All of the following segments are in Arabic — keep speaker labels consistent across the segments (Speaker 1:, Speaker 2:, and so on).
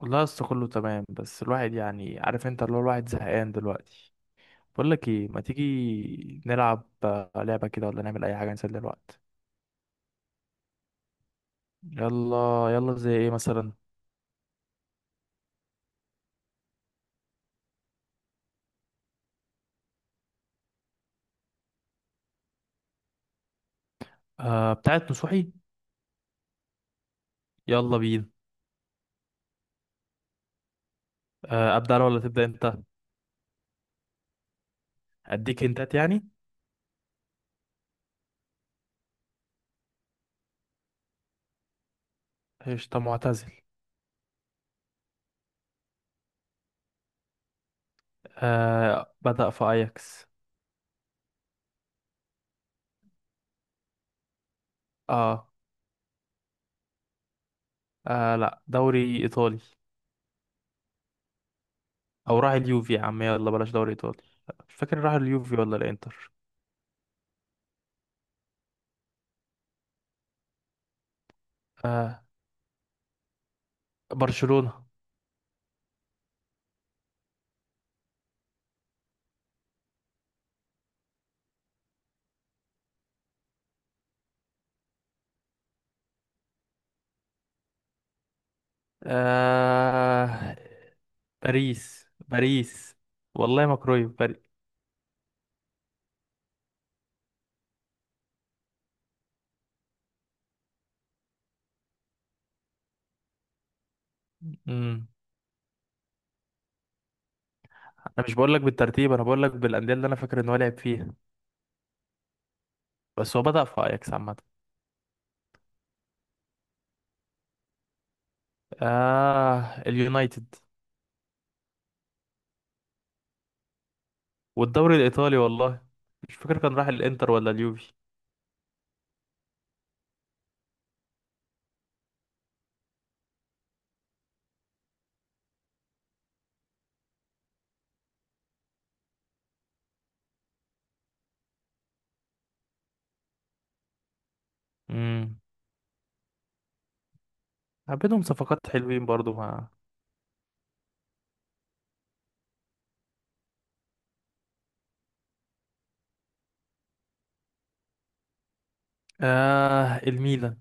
Speaker 1: والله لسه كله تمام، بس الواحد يعني، عارف، انت اللي هو الواحد زهقان دلوقتي. بقول لك ايه، ما تيجي نلعب لعبة كده ولا نعمل اي حاجة نسلي الوقت؟ يلا يلا، زي ايه مثلا؟ آه، بتاعت نصوحي. يلا بينا. ابدأ انا ولا تبدأ انت؟ اديك انتات يعني. قشطة، معتزل. بدأ في اياكس. آه. اه لا، دوري ايطالي. او راح اليوفي يا عم، يلا بلاش دوري ايطالي. مش فاكر راح اليوفي ولا الانتر. آه برشلونة. آه باريس باريس. والله ما كرويف باريس. امم انا مش بقول لك بالترتيب، انا بقول لك بالانديه اللي انا فاكر ان هو لعب فيها. بس هو بدأ في اياكس عامه. اه، اليونايتد. والدوري الايطالي والله. مش فاكر كان راح الانتر ولا اليوفي. امم بينهم صفقات حلوين برضو مع. الميلان.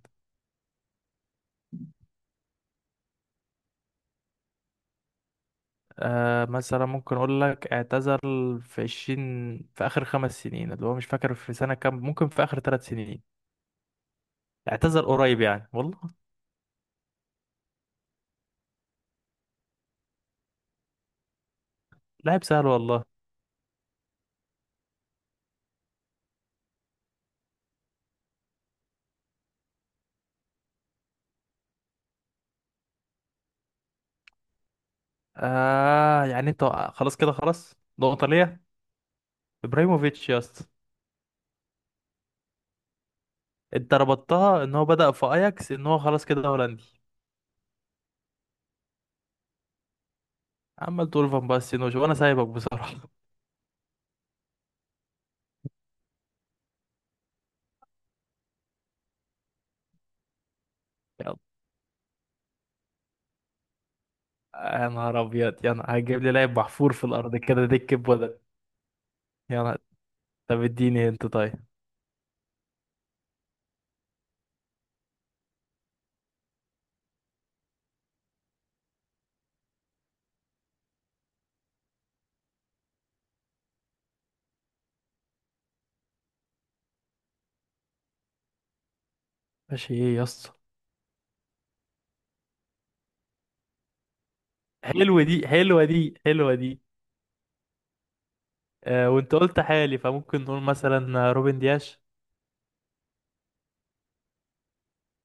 Speaker 1: مثلا ممكن اقول لك، اعتزل في اخر 5 سنين، اللي هو مش فاكر في سنة كام، ممكن في اخر 3 سنين. اعتزل قريب يعني والله. لاعب سهل والله. يعني انت، خلاص كده، خلاص، نقطة ليا. ابراهيموفيتش يا اسطى. انت ربطتها ان هو بدأ في اياكس، ان هو خلاص كده هولندي. عمال تقول فان باستين وانا سايبك بصراحة. يلا. يا نهار ابيض، يا نهار، هتجيب لي لاعب محفور في الارض كده دك بودن. يا نهار. طب اديني انت طيب. ماشي، ايه يا اسطى؟ حلوة دي، حلوة دي، حلوة دي. وانت قلت حالي، فممكن نقول مثلا روبن دياش.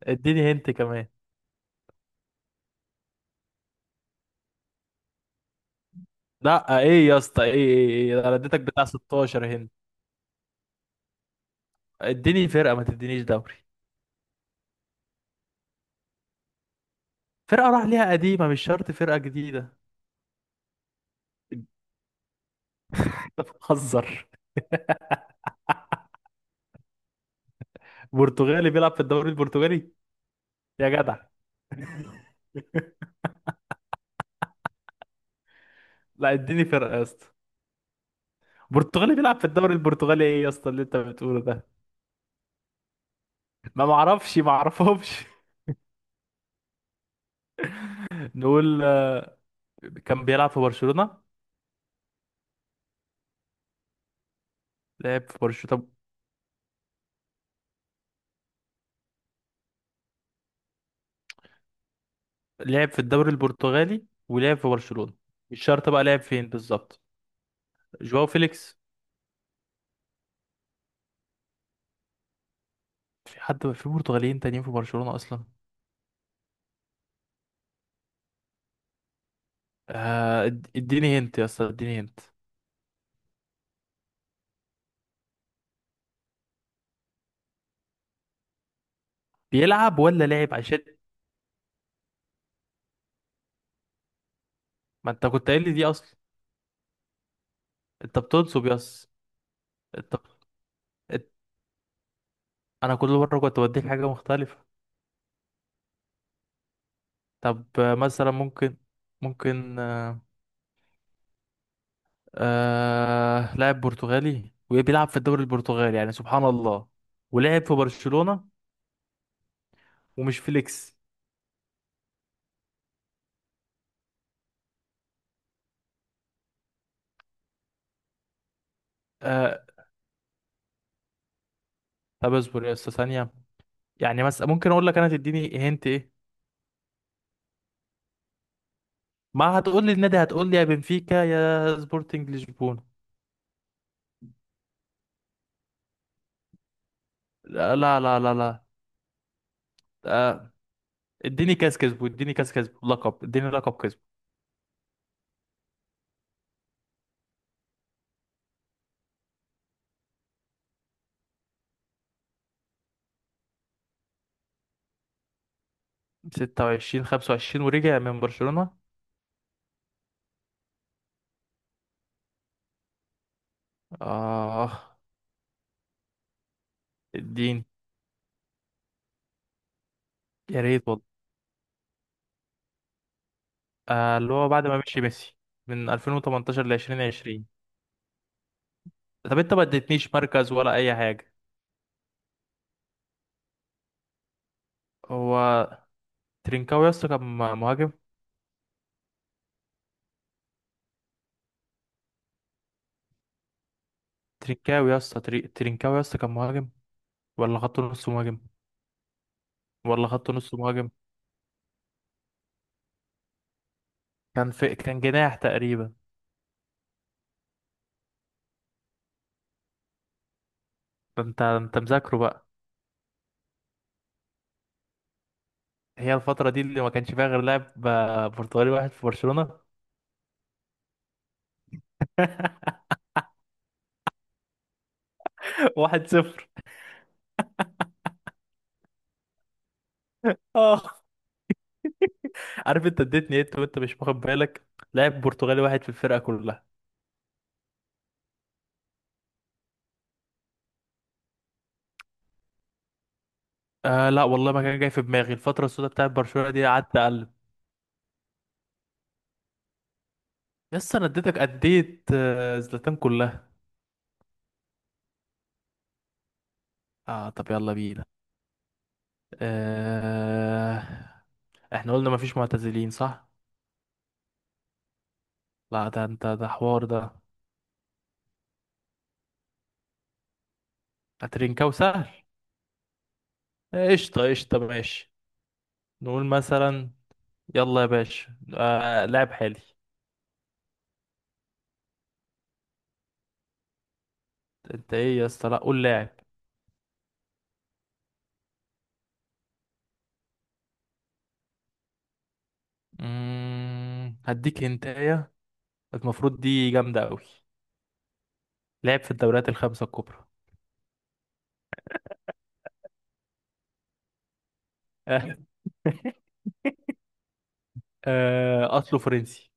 Speaker 1: اديني هنت كمان. لا ايه يا اسطى؟ ايه ايه؟ ايه، انا اديتك بتاع 16 هنت، اديني فرقة، ما تدينيش دوري. فرقة راح ليها قديمة، مش شرط فرقة جديدة. انت بتهزر. برتغالي بيلعب في الدوري البرتغالي؟ يا جدع. لا، اديني فرقة يا اسطى. برتغالي بيلعب في الدوري البرتغالي، ايه يا اسطى اللي انت بتقوله ده؟ ما معرفش، ما اعرفهمش. نقول كان بيلعب في برشلونة. لعب في برشلونة، طب. لعب في الدوري البرتغالي ولعب في برشلونة. مش شرط بقى لعب فين بالظبط. جواو فيليكس. في حد في برتغاليين تانيين في برشلونة اصلا؟ اديني هنت يا اسطى، اديني هنت. بيلعب ولا لعب؟ عشان ما انت كنت قايل لي دي اصلا. انت بتنصب يس. انت انت- انا كل مره كنت بديك حاجه مختلفه. طب مثلا ممكن، ممكن آه... لاعب برتغالي وبيلعب في الدوري البرتغالي، يعني سبحان الله. ولعب في برشلونه. ومش فليكس. آه... طب اصبر يا استاذ ثانيه. يعني مثلا ممكن اقول لك انا، تديني هنت ايه؟ ما هتقول لي النادي، هتقول لي يا بنفيكا يا سبورتنج لشبونه. لا لا لا لا، لا. آه، اديني كاس كسبه، اديني كاس كسبه، لقب، اديني لقب كسبه. 26، 25، ورجع من برشلونة؟ اه اديني. يا ريت والله. اللي هو بعد ما مشي ميسي، من 2018 ل 2020. طب انت ما اديتنيش مركز ولا اي حاجة. هو ترينكاوي يا اسطى، كان مهاجم؟ ترينكاوي يا اسطى، ترينكاوي يا اسطى، كان مهاجم ولا خط نص مهاجم؟ ولا خط نص مهاجم؟ كان جناح تقريبا. ده انت مذاكره بقى. هي الفترة دي اللي ما كانش فيها غير لاعب برتغالي واحد في برشلونة. 1-0. اه، عارف انت اديتني انت وانت مش واخد بالك؟ لاعب برتغالي واحد في الفرقه كلها. آه لا والله، ما كان جاي في دماغي الفتره السوداء بتاعت برشلونه دي، قعدت اقلب. يس، انا اديتك، اديت آه، زلاتان كلها. اه طب يلا بينا. آه احنا قلنا مفيش معتزلين صح؟ لا، ده انت ده حوار ده. هترينكاو سهل. قشطه قشطه، ماشي. نقول مثلا. يلا يا باشا، لاعب حالي. انت ايه يا اسطى؟ لا، قول لاعب. هديك هنتاية، المفروض دي جامدة أوي. لعب في الدوريات الخمسة الكبرى. أصله فرنسي.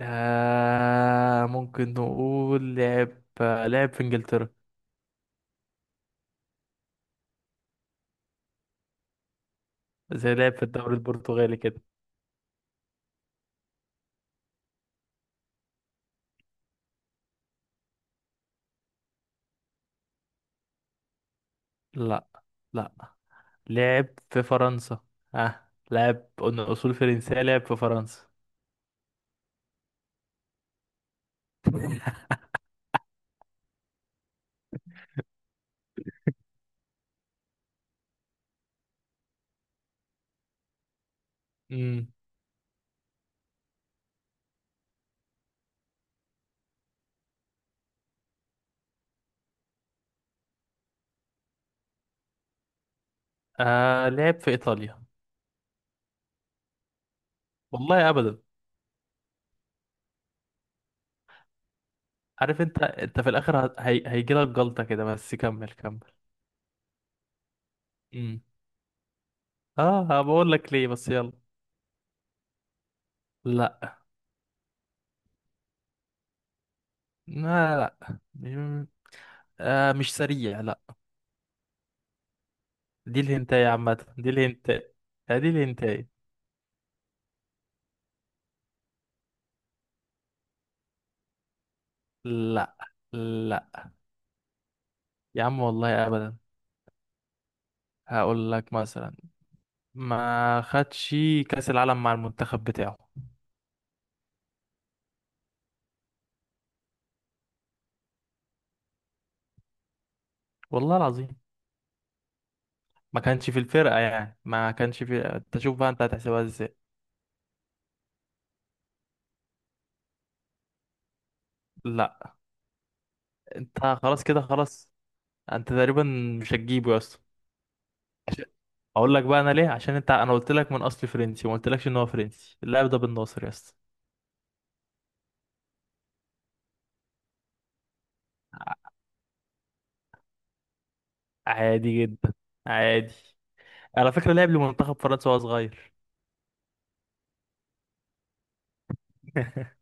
Speaker 1: ممكن نقول لعب في إنجلترا، زي لعب في الدوري البرتغالي كده. لا لا، لعب في فرنسا. آه. لعب، قلنا أصول فرنسية، لعب في فرنسا. مم. لعب في إيطاليا. والله أبدا. عارف أنت، في الآخر هيجيلك جلطة كده، بس كمل كمل. اه، بقول لك ليه، بس يلا. لا لا لا، مش سريع، لا. دي الهنتاية عامة، دي الهنتاية. دي الهنتاية. لا، لا يا عم والله ابدا. هقول لك مثلا، ما خدش كأس العالم مع المنتخب بتاعه. والله العظيم، ما كانش في الفرقة يعني، ما كانش في انت شوف بقى، انت هتحسبها ازاي. لا، انت خلاص كده، خلاص، انت تقريبا مش هتجيبه يا اسطى. عشان، اقول لك بقى انا ليه، عشان انت، انا قلت لك من اصل فرنسي، وما قلتلكش ان هو فرنسي. اللاعب ده بن ناصر يا اسطى. عادي جدا، عادي. على فكره لعب لمنتخب فرنسا وهو صغير.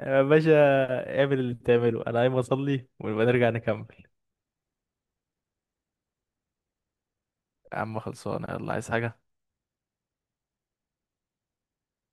Speaker 1: يا باشا، اعمل اللي تعمله، انا قايم اصلي ونبقى نرجع نكمل. يا عم خلصانه، يلا، عايز حاجه؟